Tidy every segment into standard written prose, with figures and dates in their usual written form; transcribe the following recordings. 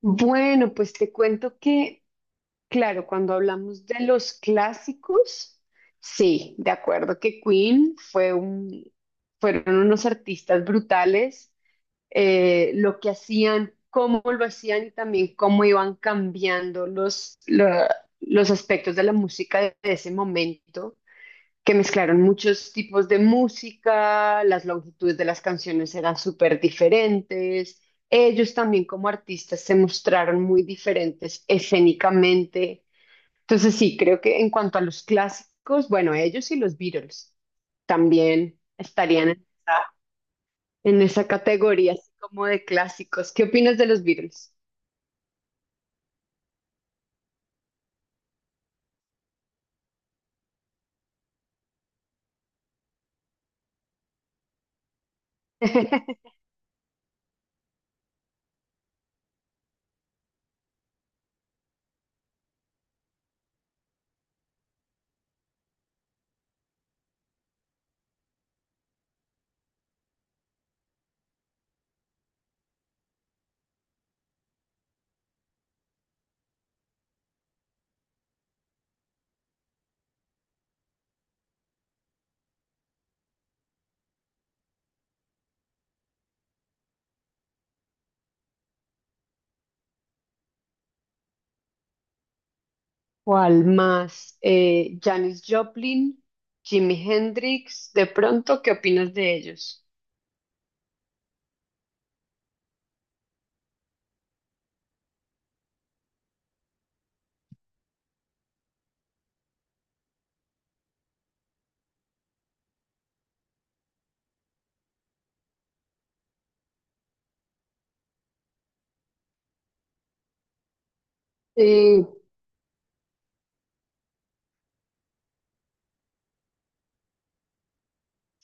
Bueno, pues te cuento que, claro, cuando hablamos de los clásicos, sí, de acuerdo que Queen fue un, fueron unos artistas brutales, lo que hacían, cómo lo hacían y también cómo iban cambiando los aspectos de la música de ese momento, que mezclaron muchos tipos de música, las longitudes de las canciones eran súper diferentes. Ellos también como artistas se mostraron muy diferentes escénicamente. Entonces sí, creo que en cuanto a los clásicos, bueno, ellos y los Beatles también estarían en esa categoría así como de clásicos. ¿Qué opinas de los Beatles? ¿Cuál más? Janis Joplin, Jimi Hendrix, de pronto, ¿qué opinas de ellos? Eh,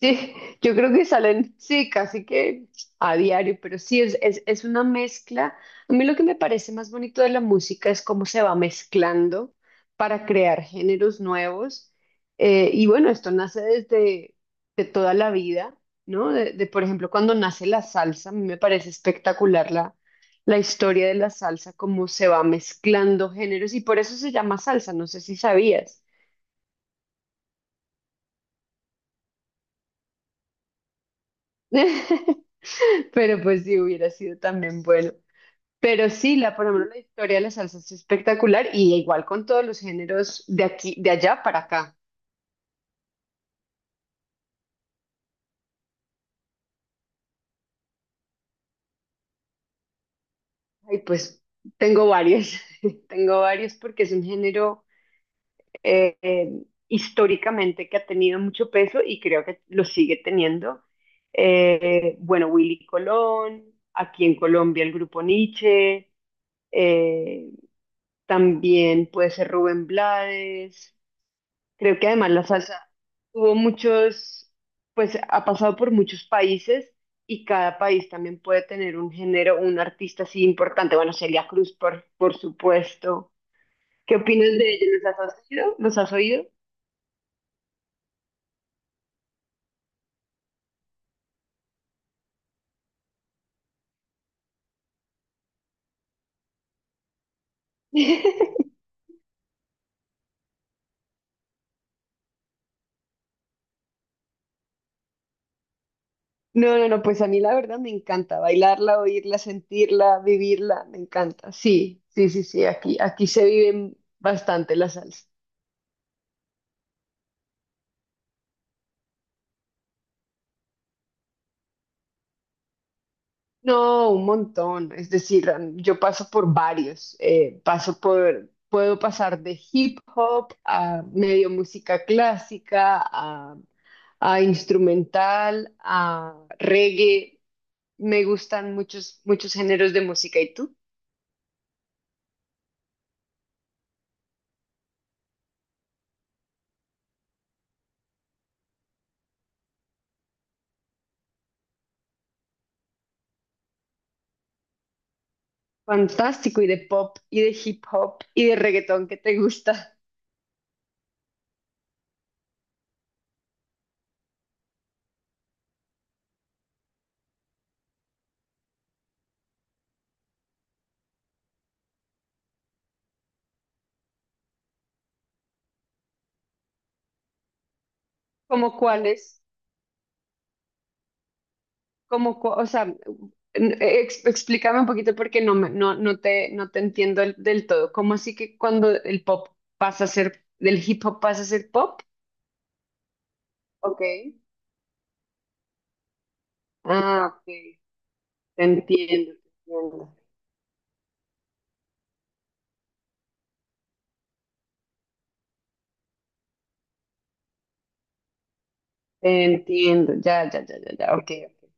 Sí, yo creo que salen, sí, casi que a diario, pero sí, es una mezcla. A mí lo que me parece más bonito de la música es cómo se va mezclando para crear géneros nuevos. Y bueno, esto nace desde de toda la vida, ¿no? Por ejemplo, cuando nace la salsa, a mí me parece espectacular la historia de la salsa, cómo se va mezclando géneros y por eso se llama salsa, no sé si sabías. Pero pues sí, hubiera sido también bueno. Pero sí, por ejemplo, la historia de la salsa es espectacular y igual con todos los géneros de aquí, de allá para acá. Y pues tengo varios, tengo varios porque es un género eh, eh, históricamente que ha tenido mucho peso y creo que lo sigue teniendo. Bueno, Willy Colón, aquí en Colombia el grupo Nietzsche, eh, también puede ser Rubén Blades. Creo que además la salsa tuvo muchos, pues ha pasado por muchos países, y cada país también puede tener un género, un artista así importante. Bueno, Celia Cruz, por supuesto. ¿Qué opinas de ella? ¿Los has oído? ¿Los has oído? No, no, no, pues a mí la verdad me encanta bailarla, oírla, sentirla, vivirla, me encanta. Sí, sí, sí, sí, aquí, aquí se vive bastante la salsa. No, un montón. Es decir, yo paso por varios. Paso por, puedo pasar de hip hop a medio música clásica, a instrumental, a reggae. Me gustan muchos, muchos géneros de música. ¿Y tú? Fantástico. Y de pop, y de hip hop, y de reggaetón que te gusta. ¿Cómo cuáles? Como, o sea, explícame un poquito porque no, no, no te entiendo del todo. ¿Cómo así que cuando el pop pasa a ser, del hip hop pasa a ser pop? Ok. Ah, ok. Te entiendo, te entiendo. Te entiendo. Ya, ya, ya, ya, ya. Ok, ok.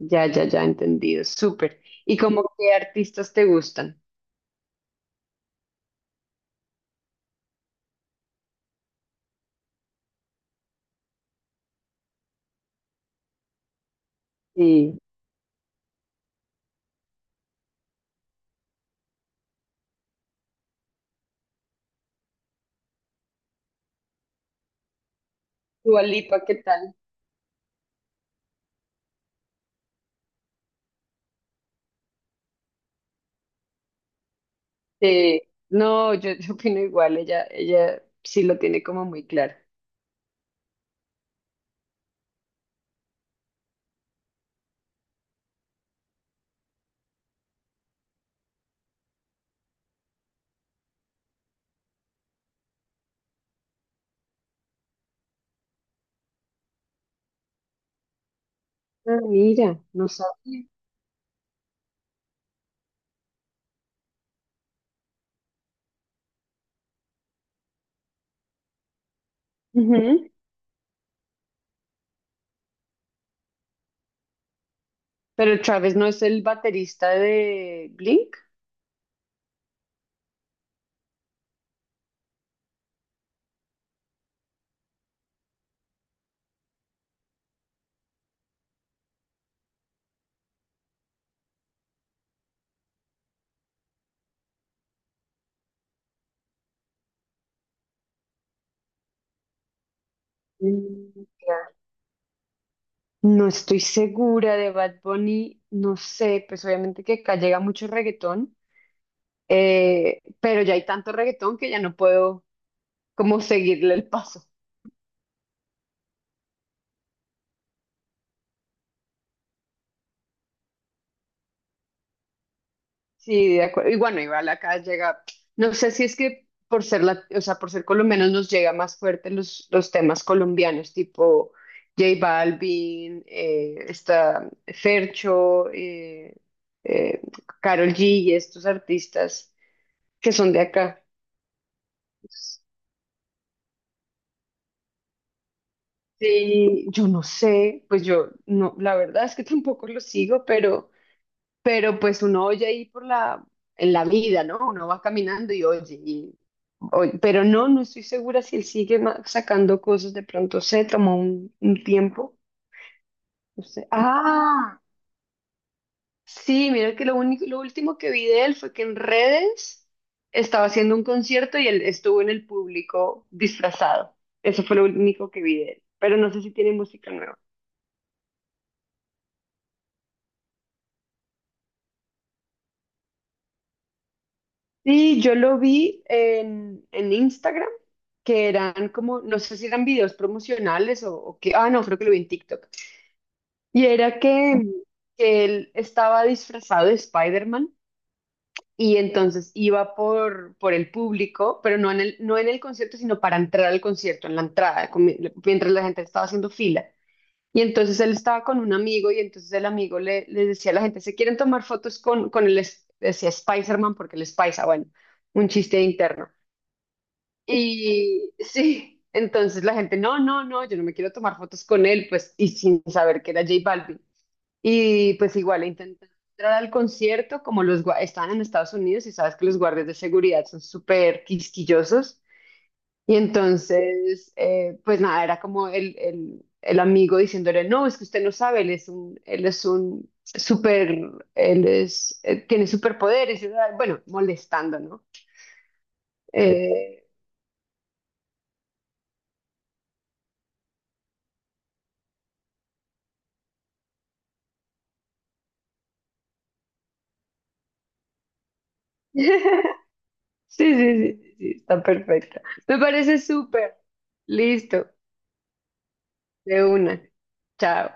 Ya, ya, ya, entendido. Súper. ¿Y cómo qué artistas te gustan? Sí. Dua Lipa, ¿qué tal? Sí. No, yo opino igual. Ella sí lo tiene como muy claro. Ah, mira, no sabía. Pero Travis no es el baterista de Blink. Mm, ya. No estoy segura de Bad Bunny, no sé, pues obviamente que acá llega mucho reggaetón, pero ya hay tanto reggaetón que ya no puedo como seguirle el paso. Sí, de acuerdo. Y bueno, igual acá llega, no sé si es que por ser o sea, por ser colombianos nos llega más fuerte los temas colombianos, tipo J Balvin, está Fercho, eh, Karol G y estos artistas que son de acá. Sí, yo no sé, pues yo no, la verdad es que tampoco lo sigo, pero pues uno oye ahí por la, en la vida, ¿no? Uno va caminando y oye, y pero no, no estoy segura si él sigue sacando cosas. De pronto se tomó un tiempo. No sé. Ah, sí, mira que lo único, lo último que vi de él fue que en redes estaba haciendo un concierto y él estuvo en el público disfrazado. Eso fue lo único que vi de él. Pero no sé si tiene música nueva. Sí, yo lo vi en Instagram, que eran como, no sé si eran videos promocionales o qué. Ah, no, creo que lo vi en TikTok. Y era que él estaba disfrazado de Spider-Man y entonces iba por el público, pero no en el, no en el concierto, sino para entrar al concierto, en la entrada, mientras la gente estaba haciendo fila. Y entonces él estaba con un amigo y entonces el amigo le decía a la gente, ¿se quieren tomar fotos con el, decía Spider-Man porque el Spice, bueno, un chiste interno. Y sí, entonces la gente, no, no, no, yo no me quiero tomar fotos con él, pues, y sin saber que era J Balvin. Y pues igual intenté entrar al concierto, como estaban en Estados Unidos y sabes que los guardias de seguridad son súper quisquillosos. Y entonces, pues nada, era como el amigo diciéndole, no, es que usted no sabe, él es un súper, él es, tiene superpoderes, y, ah, bueno, molestando, ¿no? Eh, sí, sí, sí, sí, sí, está perfecto. Me parece súper. Listo, de una. Chao.